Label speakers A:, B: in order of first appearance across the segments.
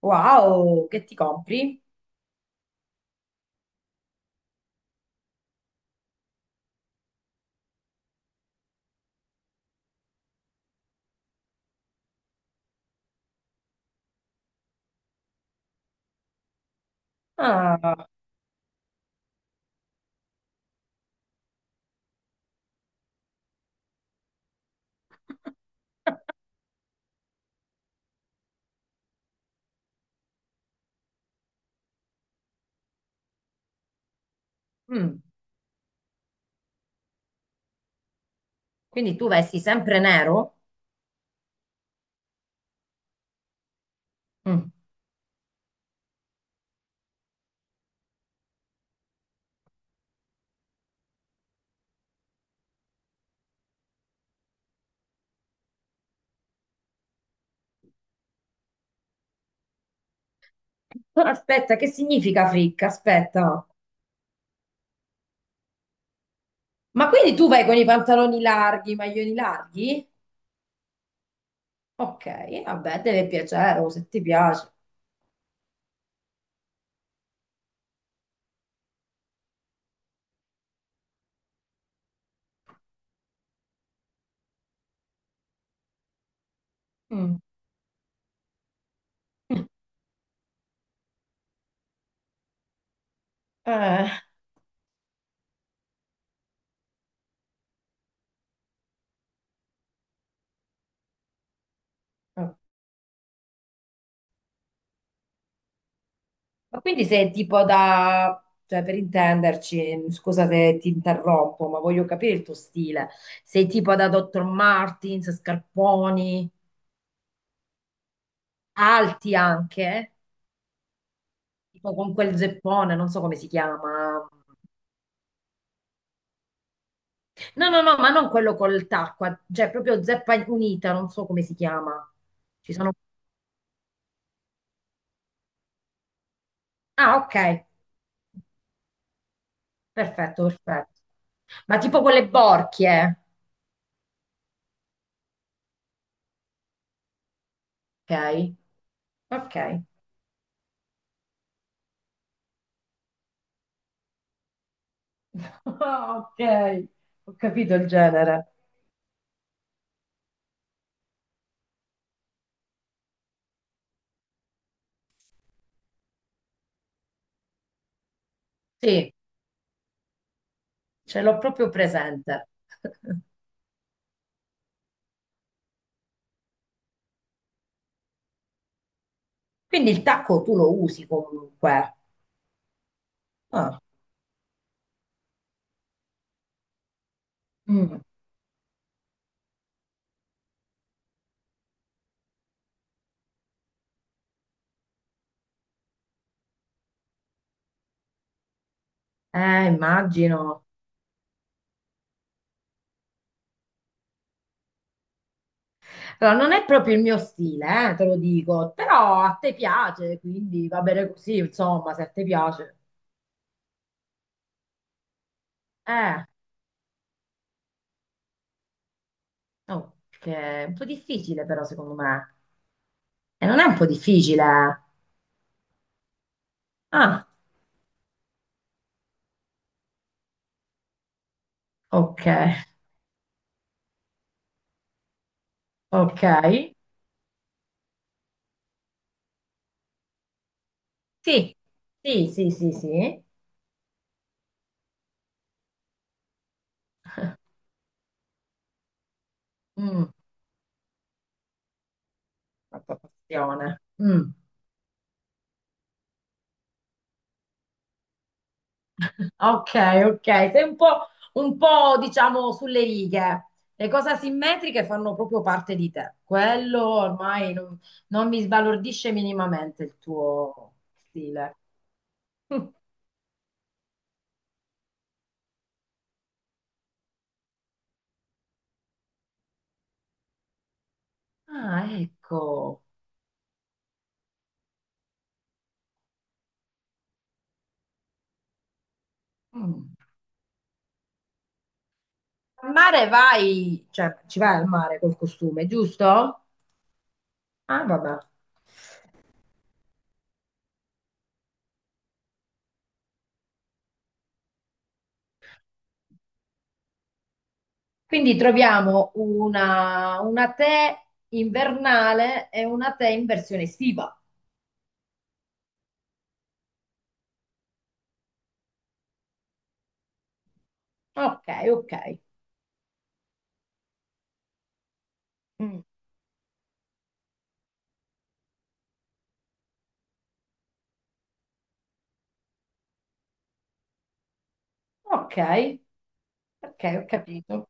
A: Wow, che ti compri? Ah, mm. Quindi tu vesti sempre nero? Mm. Aspetta, che significa fricca? Aspetta. Ma quindi tu vai con i pantaloni larghi, i maglioni larghi? Ok, vabbè, deve piacere, o se ti piace. Mm. Eh, mm. Ma quindi sei tipo da, cioè per intenderci, scusa se ti interrompo, ma voglio capire il tuo stile. Sei tipo da Dr. Martens, scarponi, alti anche? Tipo con quel zeppone, non so come si chiama. No, no, no, ma non quello col tacco, cioè proprio zeppa unita, non so come si chiama. Ci sono... Ah, ok, perfetto, perfetto. Ma tipo quelle borchie, eh. Ok? Ok. Ah, ok, ho capito il genere. Sì, ce l'ho proprio presente. Quindi il tacco tu lo usi comunque. Ah. Mm. Immagino. Allora, non è proprio il mio stile, te lo dico, però a te piace, quindi va bene così, insomma, se a te piace. Eh, no, che è un po' difficile però, secondo me. E non è un po' difficile. Ah, ok, ok. Sì, sì, sì, sì, sì. Mm, la tua passione. Mm. Ok, ok, sei un po', diciamo sulle righe. Le cose asimmetriche fanno proprio parte di te. Quello ormai non, non mi sbalordisce minimamente il tuo stile. Ah, ecco. Mm. Al mare vai, cioè ci vai al mare col costume, giusto? Ah, vabbè. Quindi troviamo una te invernale e una te in versione estiva. Ok, ok. Mm. Ok. Ok, ho capito.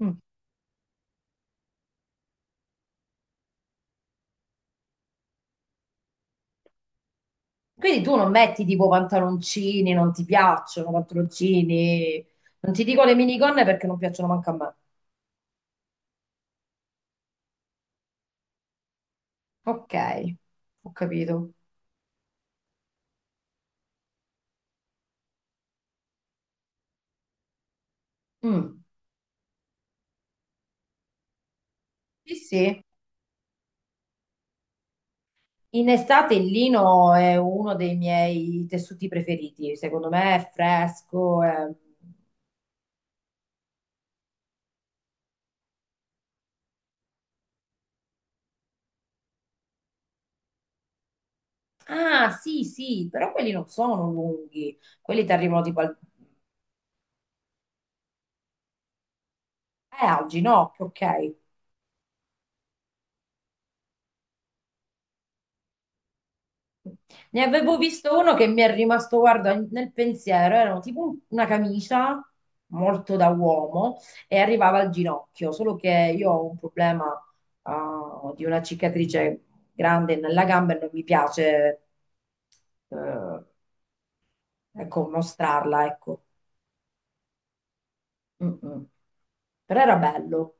A: Mm. Quindi tu non metti tipo pantaloncini, non ti piacciono pantaloncini, non ti dico le minigonne perché non piacciono manco a me. Ok, ho capito. Mm. Sì, sì. In estate il lino è uno dei miei tessuti preferiti, secondo me è fresco. È- ah, sì, sì, però quelli non sono lunghi, quelli ti arrivano tipo al... al ginocchio, ok. Ne avevo visto uno che mi è rimasto, guarda, nel pensiero, era tipo una camicia molto da uomo e arrivava al ginocchio, solo che io ho un problema, ah, di una cicatrice grande nella gamba e non mi piace, ecco, mostrarla, ecco. Mm, mm. Però era bello.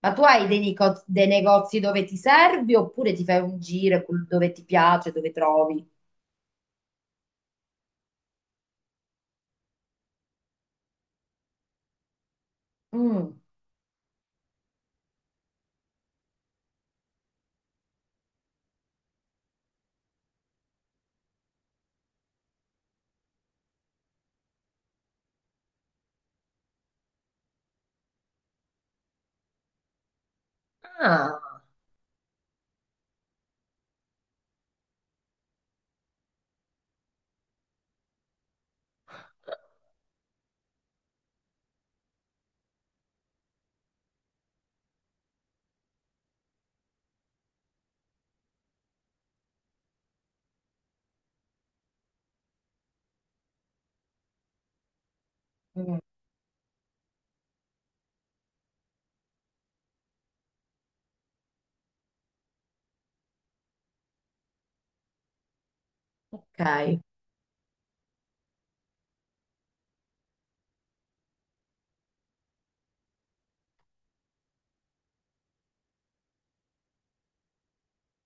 A: Ma tu hai dei, dei negozi dove ti servi oppure ti fai un giro dove ti piace, dove trovi? Mm. Ah, mm, ok.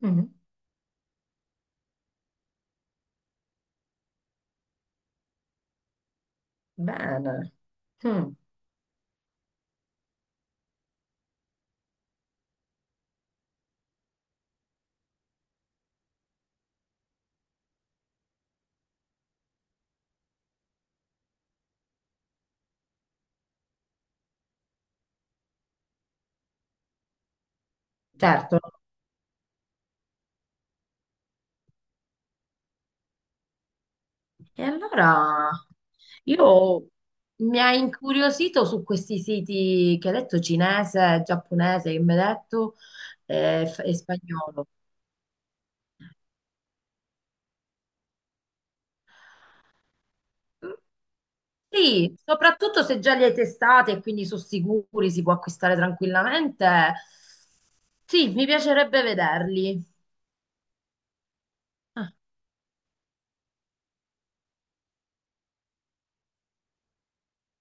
A: Mm, bene. Mm, certo. E allora io, mi ha incuriosito su questi siti che hai detto cinese, giapponese, che mi hai detto, e, e spagnolo. Mm, sì, soprattutto se già li hai testati e quindi sono sicuri, si può acquistare tranquillamente. Sì, mi piacerebbe vederli. Ah,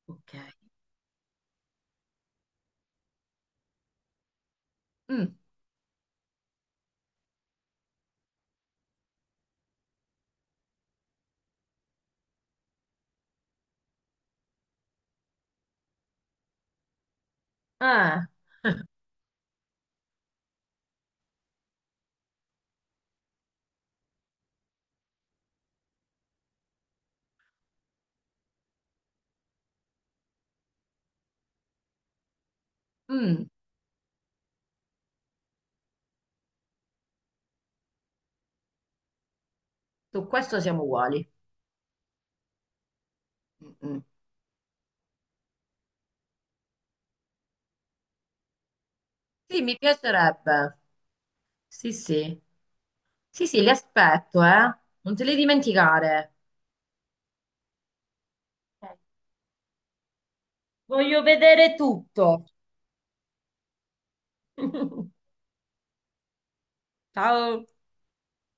A: ok. Mm, eh, mm, su questo siamo uguali. Mm, mm. Sì, mi piacerebbe. Sì, sì. Sì, sì, li aspetto, eh. Non te li dimenticare. Ok. Voglio vedere tutto. Ciao.